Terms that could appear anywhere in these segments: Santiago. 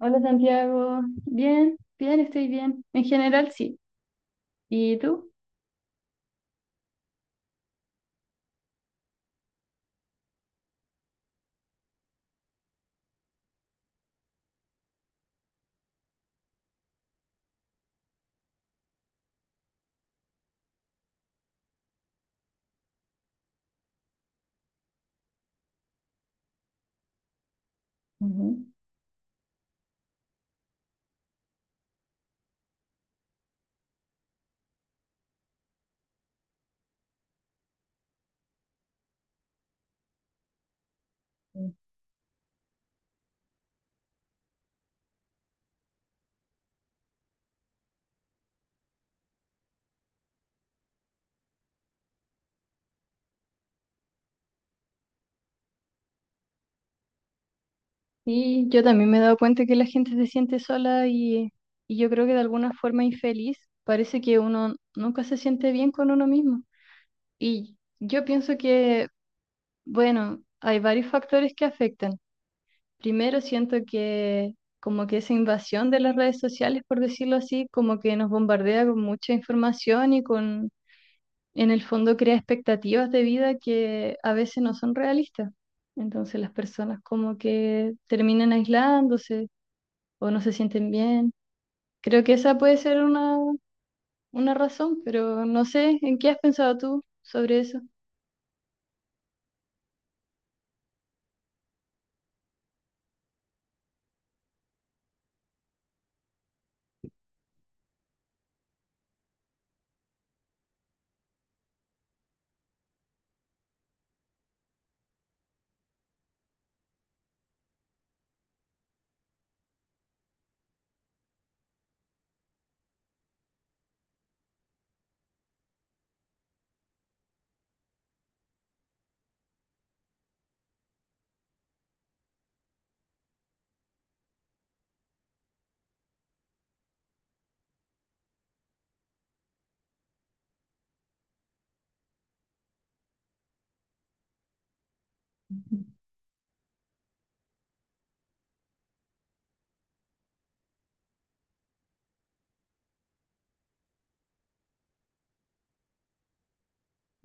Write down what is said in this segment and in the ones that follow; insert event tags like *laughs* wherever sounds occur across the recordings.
Hola Santiago, bien, estoy bien. En general sí. ¿Y tú? Ujú. Sí, yo también me he dado cuenta que la gente se siente sola y yo creo que de alguna forma infeliz. Parece que uno nunca se siente bien con uno mismo. Y yo pienso que bueno, hay varios factores que afectan. Primero, siento que como que esa invasión de las redes sociales, por decirlo así, como que nos bombardea con mucha información y con en el fondo crea expectativas de vida que a veces no son realistas. Entonces las personas como que terminan aislándose o no se sienten bien. Creo que esa puede ser una razón, pero no sé, ¿en qué has pensado tú sobre eso?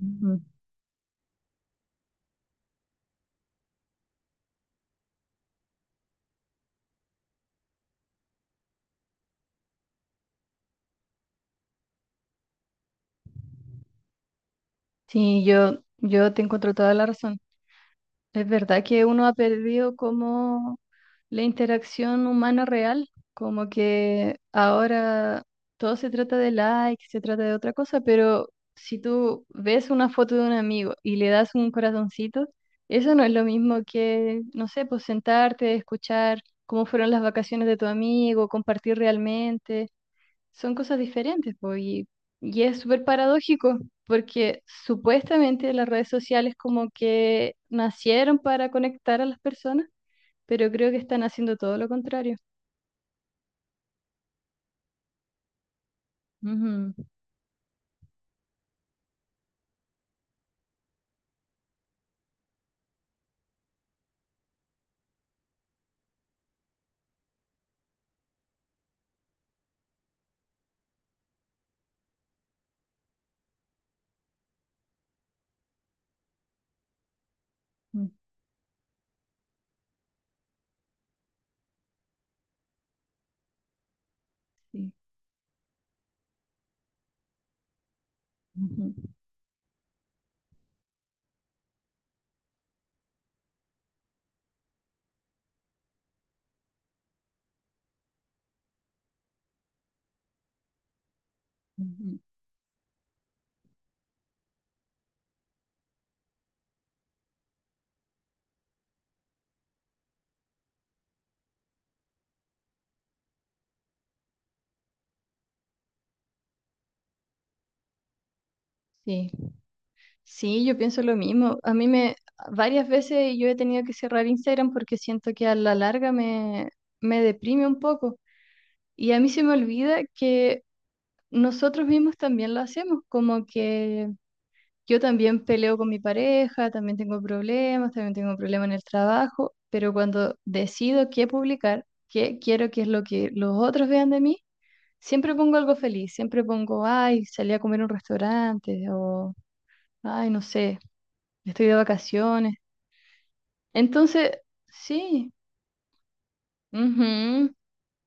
Ujú. Sí, yo te encuentro toda la razón. Es verdad que uno ha perdido como la interacción humana real, como que ahora todo se trata de like, se trata de otra cosa, pero si tú ves una foto de un amigo y le das un corazoncito, eso no es lo mismo que, no sé, pues sentarte, escuchar cómo fueron las vacaciones de tu amigo, compartir realmente son cosas diferentes, y es súper paradójico, porque supuestamente las redes sociales como que nacieron para conectar a las personas, pero creo que están haciendo todo lo contrario. Ujú, ujú, sí, ujú, ujú. Sí, sí, yo pienso lo mismo. Varias veces yo he tenido que cerrar Instagram porque siento que a la larga me deprime un poco. Y a mí se me olvida que nosotros mismos también lo hacemos, como que yo también peleo con mi pareja, también tengo problemas en el trabajo, pero cuando decido qué publicar, qué quiero que es lo que los otros vean de mí, siempre pongo algo feliz, siempre pongo, ay, salí a comer a un restaurante, ay, no sé, estoy de vacaciones. Entonces, sí, ujú,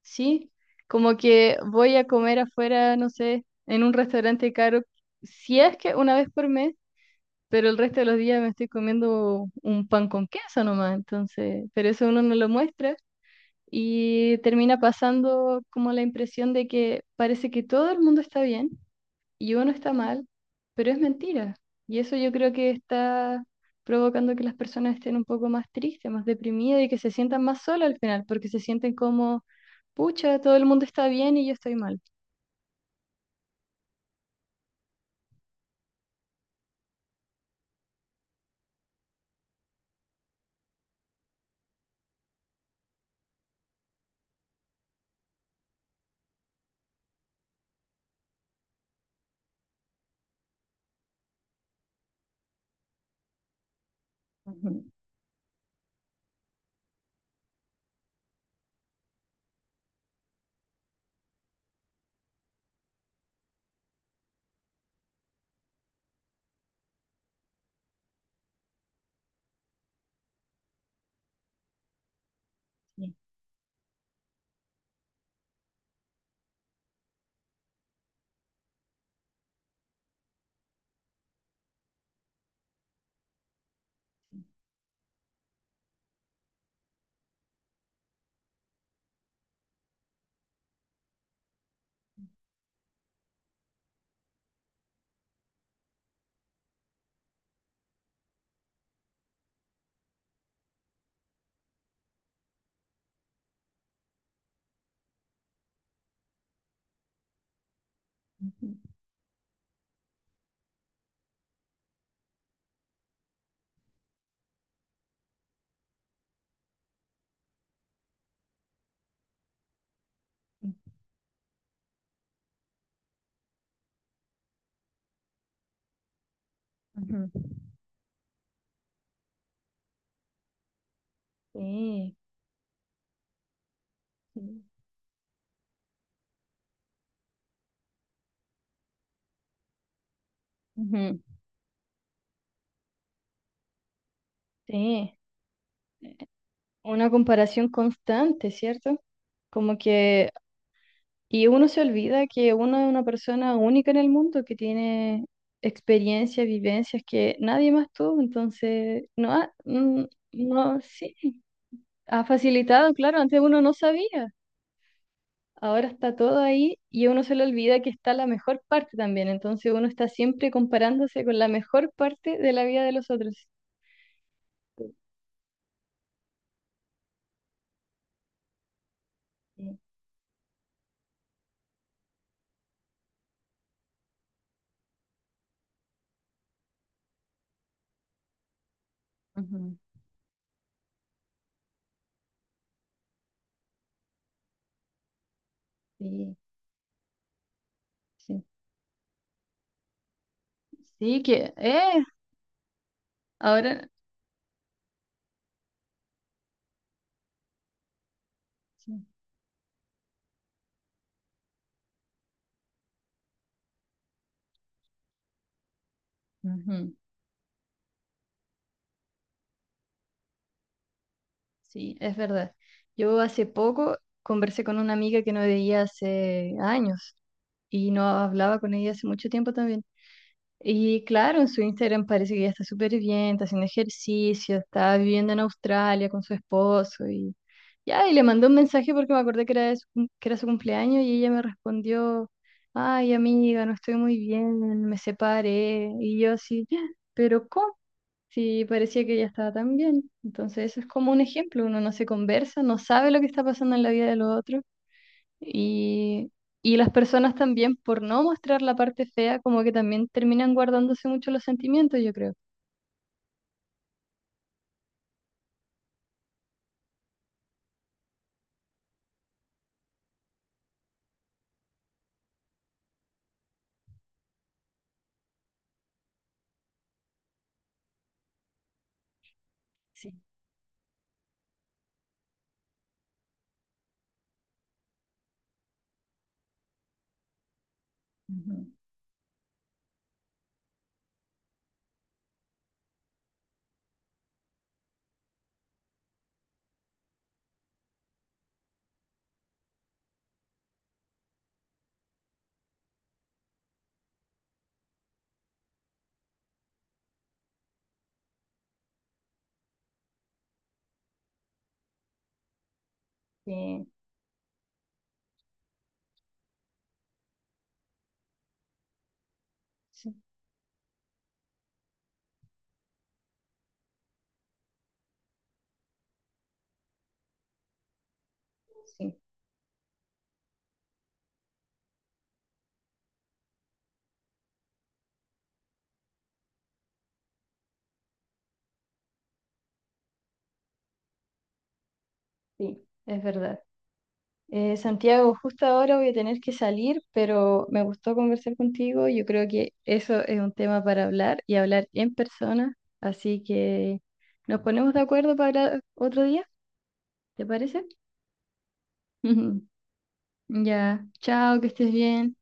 sí, como que voy a comer afuera, no sé, en un restaurante caro, si es que una vez por mes, pero el resto de los días me estoy comiendo un pan con queso nomás, entonces, pero eso uno no lo muestra y termina pasando como la impresión de que parece que todo el mundo está bien y uno está mal, pero es mentira. Y eso yo creo que está provocando que las personas estén un poco más tristes, más deprimidas y que se sientan más solas al final, porque se sienten como, pucha, todo el mundo está bien y yo estoy mal. Ujú, ujú, ujú. Sí, sí, ujú. Sí. Una comparación constante, ¿cierto? Como que, y uno se olvida que uno es una persona única en el mundo que tiene experiencias, vivencias que nadie más tuvo, entonces, no, no, sí, ha facilitado, claro, antes uno no sabía, ahora está todo ahí y uno se le olvida que está la mejor parte también, entonces uno está siempre comparándose con la mejor parte de la vida de los otros. Sí, ujú, sí, sí. Sí, ahora... Ujú. Sí, es verdad. Yo hace poco conversé con una amiga que no veía hace años y no hablaba con ella hace mucho tiempo también. Y claro, en su Instagram parece que ella está súper bien, está haciendo ejercicio, está viviendo en Australia con su esposo y ya, y le mandé un mensaje porque me acordé que era su cumpleaños y ella me respondió, ay amiga, no estoy muy bien, me separé. Y yo así, "Ah, pero ¿cómo? Sí, parecía que ella estaba tan bien". Entonces, eso es como un ejemplo. Uno no se conversa, no sabe lo que está pasando en la vida de los otros. Y, y las personas también, por no mostrar la parte fea, como que también terminan guardándose mucho los sentimientos, yo creo. Sí. Ujú. Sí, sí, sí, sí. Es verdad. Santiago, justo ahora voy a tener que salir, pero me gustó conversar contigo. Yo creo que eso es un tema para hablar y hablar en persona. Así que nos ponemos de acuerdo para otro día, ¿te parece? *laughs* Ya, chao, que estés bien.